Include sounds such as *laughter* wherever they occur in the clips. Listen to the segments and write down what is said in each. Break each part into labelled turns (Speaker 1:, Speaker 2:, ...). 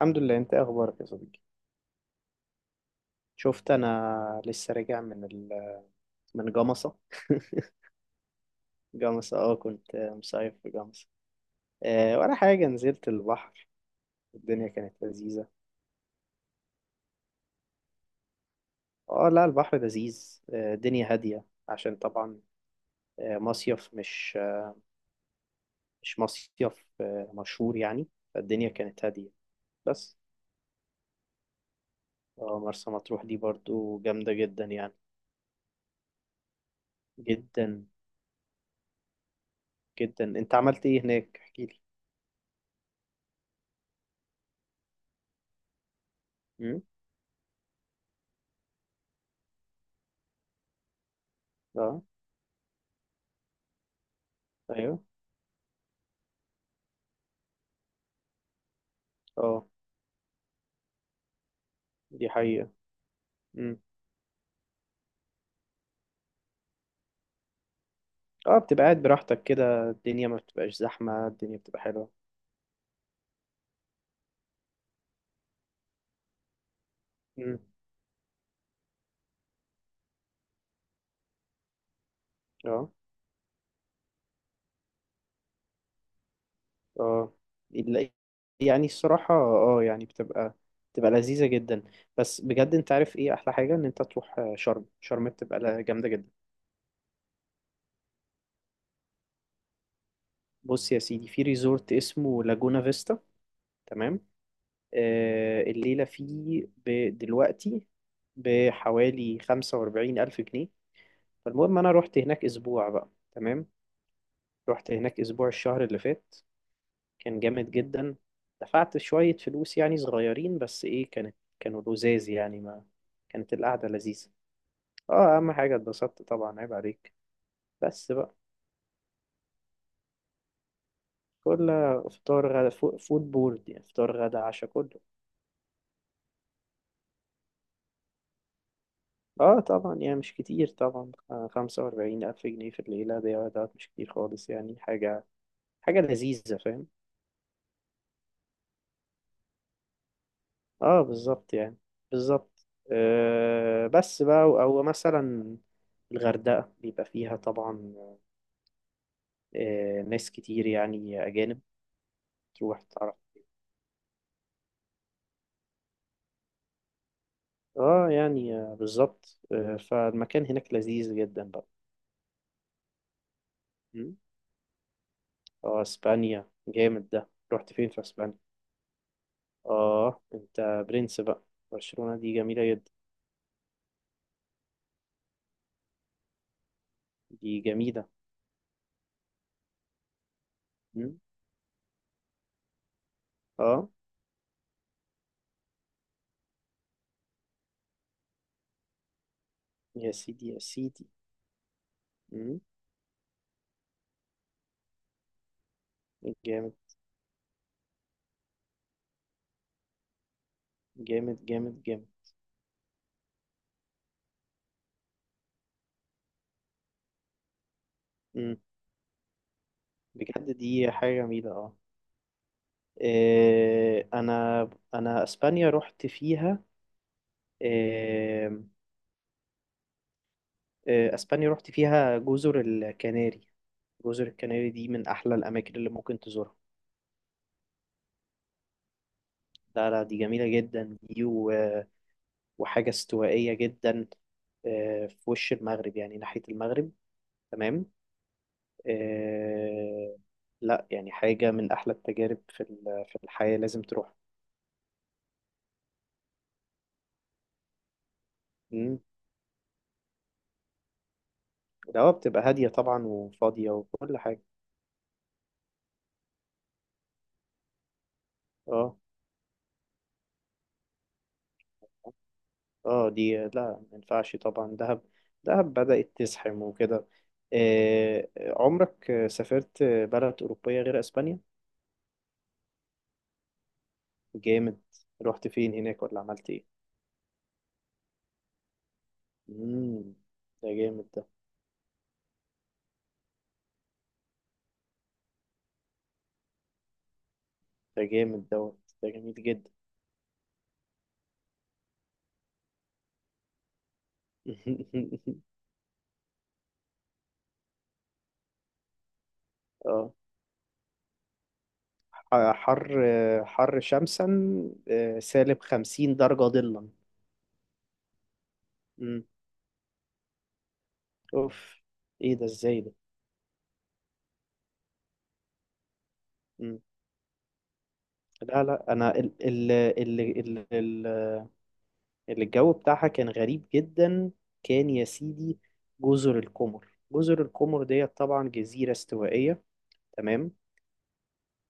Speaker 1: الحمد لله، انت ايه اخبارك يا صديقي؟ شفت، انا لسه راجع من من جمصة. *laughs* جمصة، كنت مصيف في جمصة. ولا حاجة، نزلت البحر، الدنيا كانت لذيذة. اه لا، البحر لذيذ، الدنيا هادية عشان طبعا مصيف، مش مصيف، مشهور يعني، فالدنيا كانت هادية بس. اه مرسى مطروح دي برضو جامدة جدا يعني، جدا جدا. انت عملت ايه هناك احكيلي؟ امم اه، ايوه، اه، دي حقيقة. اه، بتبقى قاعد براحتك كده، الدنيا ما بتبقاش زحمة، الدنيا بتبقى حلوة. مم. اه، اه، ال- يعني الصراحة، يعني بتبقى لذيذة جدا. بس بجد انت عارف ايه احلى حاجة؟ ان انت تروح شرم، شرم بتبقى جامدة جدا. بص يا سيدي، في ريزورت اسمه لاجونا فيستا، تمام. آه، الليلة فيه دلوقتي بحوالي 45,000 جنيه. فالمهم أنا رحت هناك أسبوع بقى، تمام. رحت هناك أسبوع الشهر اللي فات، كان جامد جدا. دفعت شوية فلوس يعني صغيرين، بس ايه، كانوا لذاذ يعني ما، كانت القعدة لذيذة. اه، اهم حاجة اتبسطت طبعا، عيب عليك. بس بقى، كل فطار، غدا، فود بورد، يعني فطار، غدا، عشاء، كله. اه طبعا يعني، مش كتير طبعا، 45,000 جنيه في الليلة، ده مش كتير خالص يعني. حاجة لذيذة، فاهم. اه، بالظبط يعني، بالظبط. آه، بس بقى، أو مثلا الغردقة بيبقى فيها طبعا ناس كتير يعني أجانب، تروح تعرف. اه يعني بالظبط، فالمكان هناك لذيذ جدا بقى. مم. اه، اسبانيا جامد ده، رحت فين في اسبانيا؟ اه، انت برنس بقى، برشلونة دي جميلة جدا، دي جميلة. مم. اه، يا سيدي، يا سيدي. مم. جامد، جامد، جامد، جامد. مم. بجد دي حاجة جميلة، اه، إيه، انا اسبانيا رحت فيها، اسبانيا رحت فيها جزر الكناري. جزر الكناري دي من احلى الاماكن اللي ممكن تزورها. لا لا، دي جميله جدا دي وحاجه استوائيه جدا، في وش المغرب يعني، ناحيه المغرب، تمام. آه، لا يعني، حاجه من احلى التجارب في في الحياه، لازم تروح. مم. ده بتبقى هاديه طبعا، وفاضيه، وكل حاجه. اه، اه، دي لا، ما ينفعش طبعا دهب، دهب بدأت تزحم وكده. عمرك سافرت بلد أوروبية غير أسبانيا؟ جامد، رحت فين هناك ولا عملت إيه؟ مم. ده جامد ده، ده جامد دوت، ده جميل جدا. *laughs* اه، حر، حر شمسا، -50 درجة ظلا. مم. اوف، ايه ده؟ ازاي ده؟ مم. لا لا، انا ال ال اللي الجو بتاعها كان غريب جدا. كان يا سيدي، جزر القمر، جزر القمر ديت طبعا جزيرة استوائية، تمام.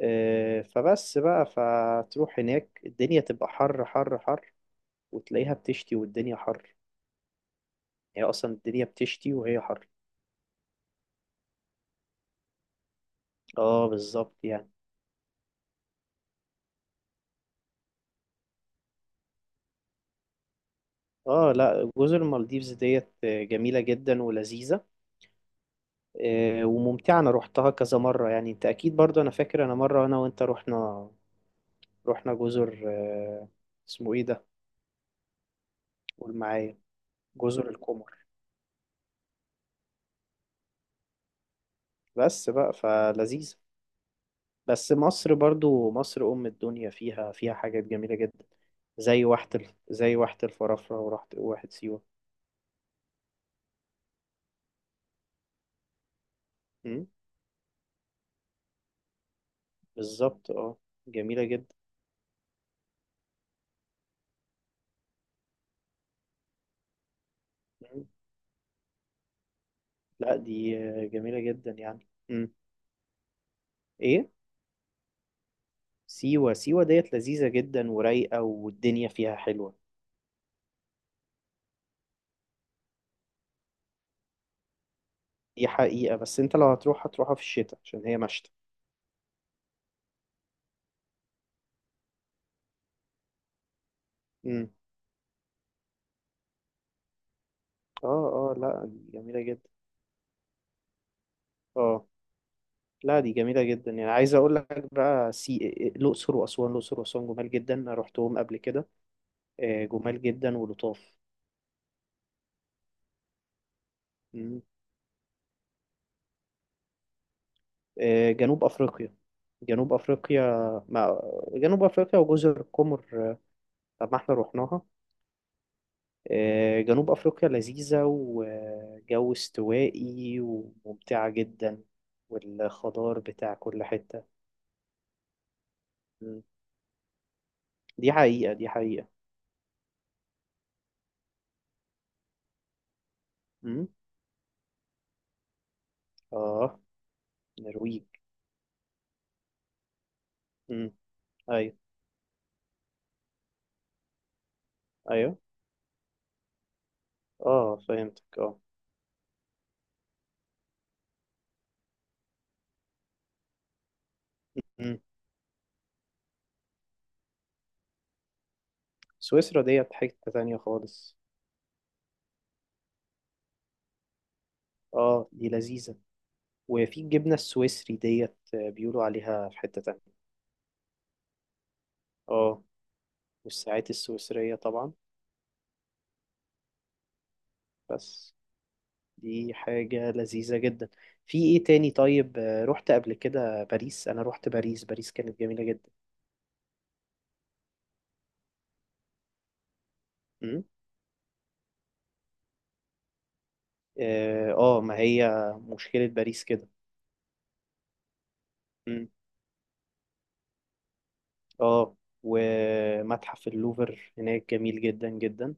Speaker 1: فبس بقى، فتروح هناك، الدنيا تبقى حر، حر، حر، وتلاقيها بتشتي والدنيا حر. هي أصلا الدنيا بتشتي وهي حر. اه، بالظبط يعني. اه لا، جزر المالديفز ديت جميلة جدا ولذيذة، وممتعة، انا روحتها كذا مرة يعني. انت اكيد برضو، انا فاكر، انا مرة انا وانت رحنا جزر اسمه ايه ده؟ قول معايا، جزر القمر. بس بقى، فلذيذة. بس مصر برضو، مصر أم الدنيا، فيها حاجات جميلة جدا، زي واحة زي واحة الفرافرة، وراحة، واحة سيوة. أمم، بالظبط، اه، جميلة جدا. أمم، لا دي جميلة جدا يعني. ايه؟ سيوة، سيوة ديت لذيذة جدا ورايقة، والدنيا فيها حلوة. دي حقيقة، بس انت لو هتروح هتروحها في الشتاء عشان هي مشتى. أمم، اه، اه لا دي جميلة جدا، اه لا دي جميلة جدا يعني، عايز أقول لك بقى الأقصر وأسوان، الأقصر وأسوان جمال جدا، أنا رحتهم قبل كده، جمال جدا ولطاف. مم. جنوب أفريقيا، جنوب أفريقيا ما... جنوب أفريقيا وجزر القمر، طب ما احنا رحناها. جنوب أفريقيا لذيذة وجو استوائي وممتعة جدا، والخضار بتاع كل حتة. مم. دي حقيقة، دي حقيقة. مم. آه، نرويج. مم. أيوه، أيوه، اه فهمتك، اه. مم. سويسرا ديت حتة تانية خالص. اه دي لذيذة، وفي الجبنة السويسري ديت، بيقولوا عليها في حتة تانية. اه، والساعات السويسرية طبعا، بس دي حاجة لذيذة جدا. في ايه تاني طيب؟ رحت قبل كده باريس، انا رحت باريس، باريس كانت جميلة جدا. مم. اه، ما هي مشكلة باريس كده. مم. اه، ومتحف اللوفر هناك جميل جدا جدا.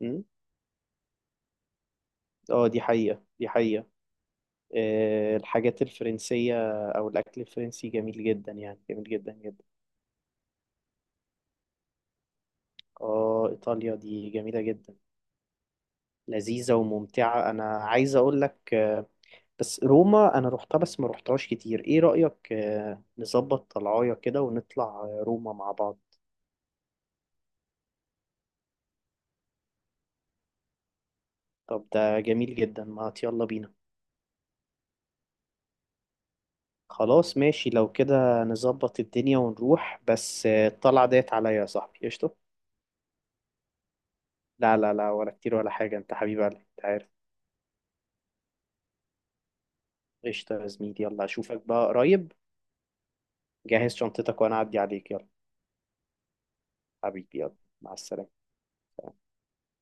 Speaker 1: مم. اه، دي حقيقة، دي حقيقة. الحاجات الفرنسية أو الأكل الفرنسي جميل جدا يعني، جميل جدا جدا. آه، إيطاليا دي جميلة جدا، لذيذة وممتعة. أنا عايز أقول لك بس روما، أنا روحتها بس ما روحتهاش كتير. إيه رأيك، نظبط طلعاية كده، ونطلع روما مع بعض. طب ده جميل جدا، ما يلا بينا. خلاص ماشي، لو كده نظبط الدنيا ونروح. بس الطلعة ديت عليا يا صاحبي، قشطة. لا لا لا، ولا كتير ولا حاجة، أنت حبيب قلبي، أنت عارف. قشطة يا زميلي، يلا أشوفك بقى قريب. جهز شنطتك وانا اعدي عليك، يلا. حبيبي، يلا، مع السلامة.